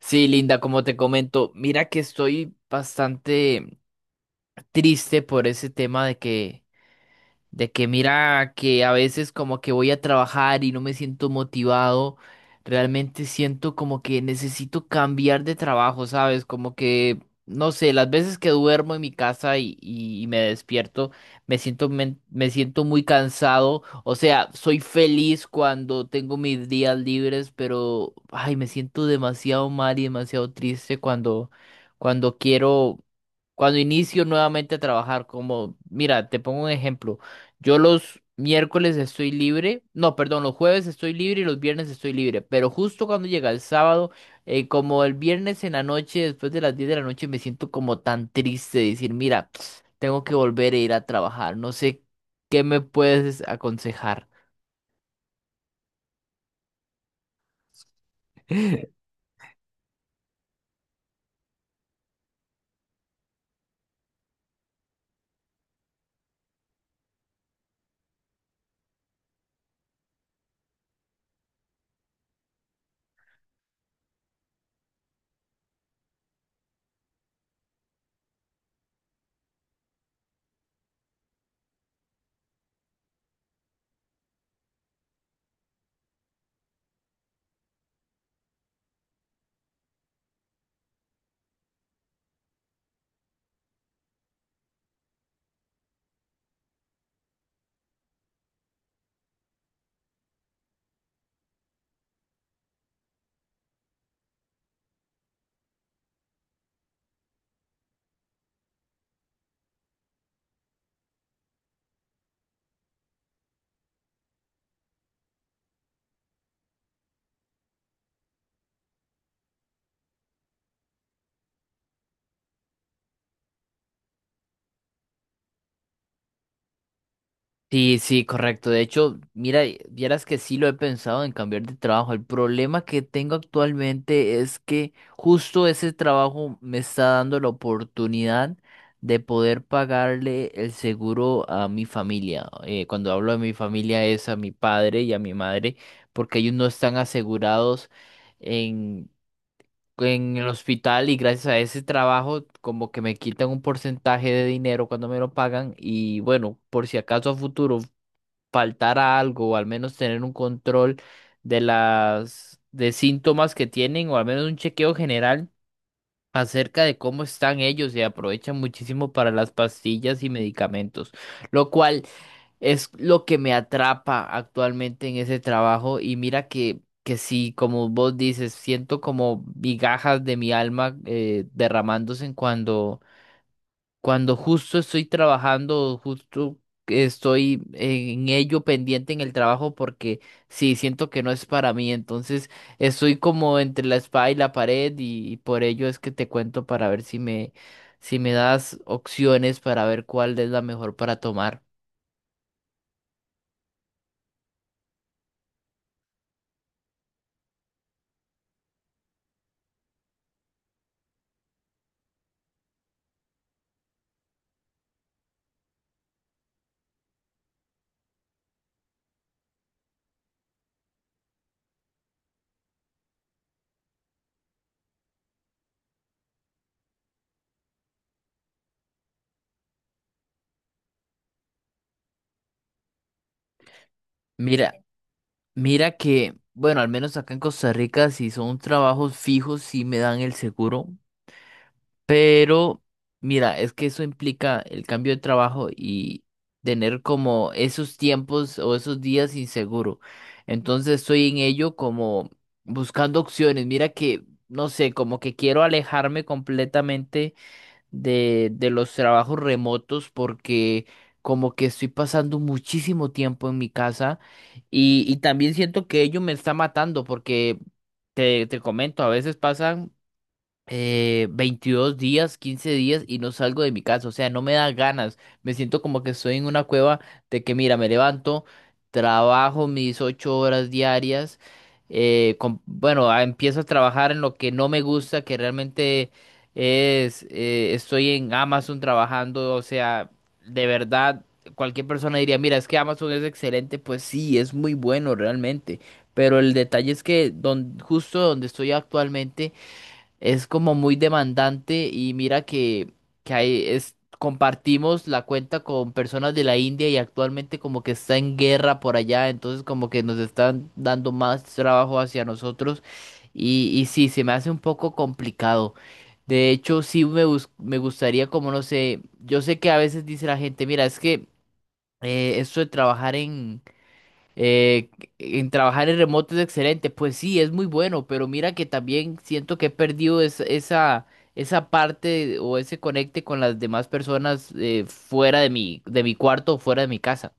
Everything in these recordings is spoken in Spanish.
Sí, Linda, como te comento, mira que estoy bastante triste por ese tema de que mira que a veces como que voy a trabajar y no me siento motivado, realmente siento como que necesito cambiar de trabajo, ¿sabes? Como que, no sé, las veces que duermo en mi casa y me despierto, me siento muy cansado, o sea, soy feliz cuando tengo mis días libres, pero, ay, me siento demasiado mal y demasiado triste cuando quiero, cuando inicio nuevamente a trabajar, como, mira, te pongo un ejemplo. Yo los miércoles estoy libre, no, perdón, los jueves estoy libre y los viernes estoy libre, pero justo cuando llega el sábado, como el viernes en la noche, después de las 10 de la noche, me siento como tan triste de decir, mira, tengo que volver a ir a trabajar, no sé qué me puedes aconsejar. Sí, sí, correcto. De hecho, mira, vieras que sí lo he pensado en cambiar de trabajo. El problema que tengo actualmente es que justo ese trabajo me está dando la oportunidad de poder pagarle el seguro a mi familia. Cuando hablo de mi familia es a mi padre y a mi madre, porque ellos no están asegurados en, en el hospital y gracias a ese trabajo como que me quitan un porcentaje de dinero cuando me lo pagan y bueno, por si acaso a futuro faltara algo o al menos tener un control de las de síntomas que tienen o al menos un chequeo general acerca de cómo están ellos y aprovechan muchísimo para las pastillas y medicamentos, lo cual es lo que me atrapa actualmente en ese trabajo y mira que, como vos dices, siento como migajas de mi alma derramándose en cuando justo estoy trabajando, justo estoy en ello pendiente en el trabajo porque sí, siento que no es para mí. Entonces estoy como entre la espada y la pared y por ello es que te cuento para ver si me das opciones para ver cuál es la mejor para tomar. Mira, mira que, bueno, al menos acá en Costa Rica, si son trabajos fijos, sí me dan el seguro. Pero, mira, es que eso implica el cambio de trabajo y tener como esos tiempos o esos días inseguro. Entonces estoy en ello como buscando opciones. Mira que, no sé, como que quiero alejarme completamente de los trabajos remotos porque como que estoy pasando muchísimo tiempo en mi casa y también siento que ello me está matando porque... Te comento, a veces pasan 22 días, 15 días y no salgo de mi casa. O sea, no me da ganas. Me siento como que estoy en una cueva de que, mira, me levanto, trabajo mis 8 horas diarias. Bueno, empiezo a trabajar en lo que no me gusta, que realmente estoy en Amazon trabajando. O sea, de verdad, cualquier persona diría, mira, es que Amazon es excelente. Pues sí, es muy bueno realmente. Pero el detalle es que justo donde estoy actualmente, es como muy demandante y mira que, compartimos la cuenta con personas de la India y actualmente como que está en guerra por allá, entonces como que nos están dando más trabajo hacia nosotros y sí, se me hace un poco complicado. De hecho, sí me gustaría como, no sé, yo sé que a veces dice la gente, mira, es que esto de trabajar eh, en trabajar en remoto es excelente, pues sí, es muy bueno, pero mira que también siento que he perdido esa parte o ese conecte con las demás personas fuera de mi cuarto o fuera de mi casa.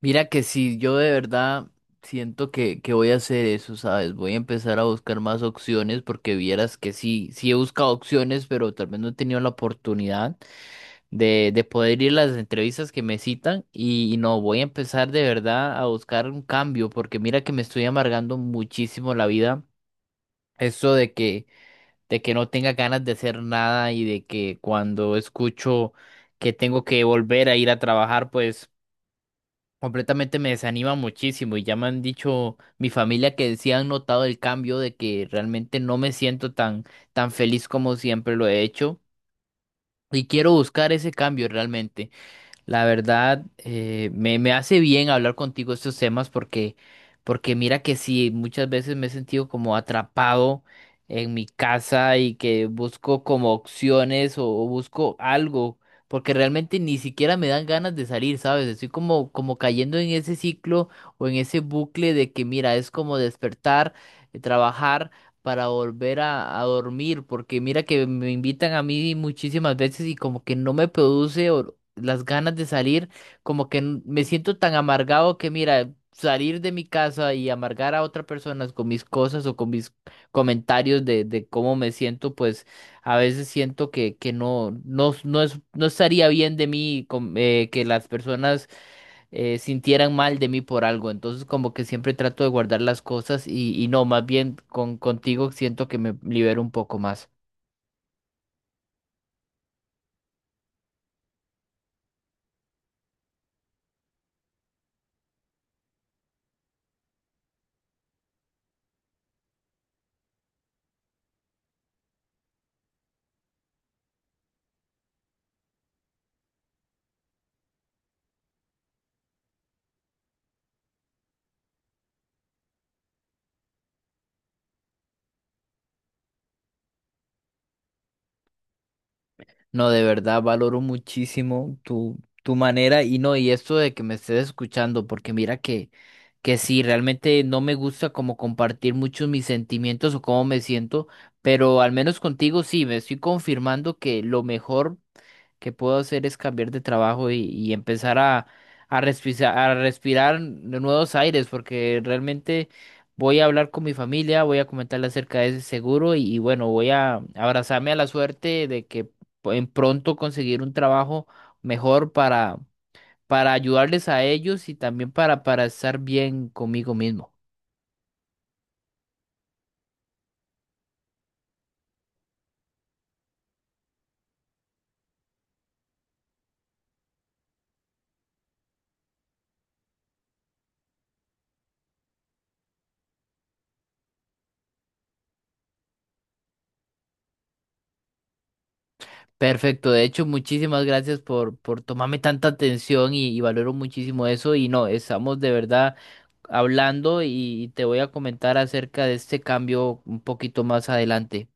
Mira que si yo de verdad siento que voy a hacer eso, ¿sabes? Voy a empezar a buscar más opciones porque vieras que sí, sí he buscado opciones, pero tal vez no he tenido la oportunidad, de poder ir a las entrevistas que me citan y no, voy a empezar de verdad a buscar un cambio porque mira que me estoy amargando muchísimo la vida. Eso de que, no tenga ganas de hacer nada y de que cuando escucho que tengo que volver a ir a trabajar, pues completamente me desanima muchísimo y ya me han dicho mi familia que sí han notado el cambio de que realmente no me siento tan feliz como siempre lo he hecho y quiero buscar ese cambio realmente. La verdad, me hace bien hablar contigo estos temas porque mira que sí, muchas veces me he sentido como atrapado en mi casa y que busco como opciones o busco algo, porque realmente ni siquiera me dan ganas de salir, ¿sabes? Estoy como, como cayendo en ese ciclo o en ese bucle de que mira, es como despertar, trabajar para volver a dormir, porque mira que me invitan a mí muchísimas veces y como que no me produce las ganas de salir, como que me siento tan amargado que mira, salir de mi casa y amargar a otras personas con mis cosas o con mis comentarios de cómo me siento, pues a veces siento que, no es, no estaría bien de mí que las personas sintieran mal de mí por algo. Entonces como que siempre trato de guardar las cosas y no, más bien contigo siento que me libero un poco más. No, de verdad, valoro muchísimo tu manera y no, y esto de que me estés escuchando, porque mira que, realmente no me gusta como compartir mucho mis sentimientos o cómo me siento, pero al menos contigo sí, me estoy confirmando que lo mejor que puedo hacer es cambiar de trabajo y, a respirar nuevos aires, porque realmente voy a hablar con mi familia, voy a comentarle acerca de ese seguro y, voy a abrazarme a la suerte de que en pronto conseguir un trabajo mejor para ayudarles a ellos y también para estar bien conmigo mismo. Perfecto, de hecho, muchísimas gracias por tomarme tanta atención y valoro muchísimo eso y no, estamos de verdad hablando y te voy a comentar acerca de este cambio un poquito más adelante.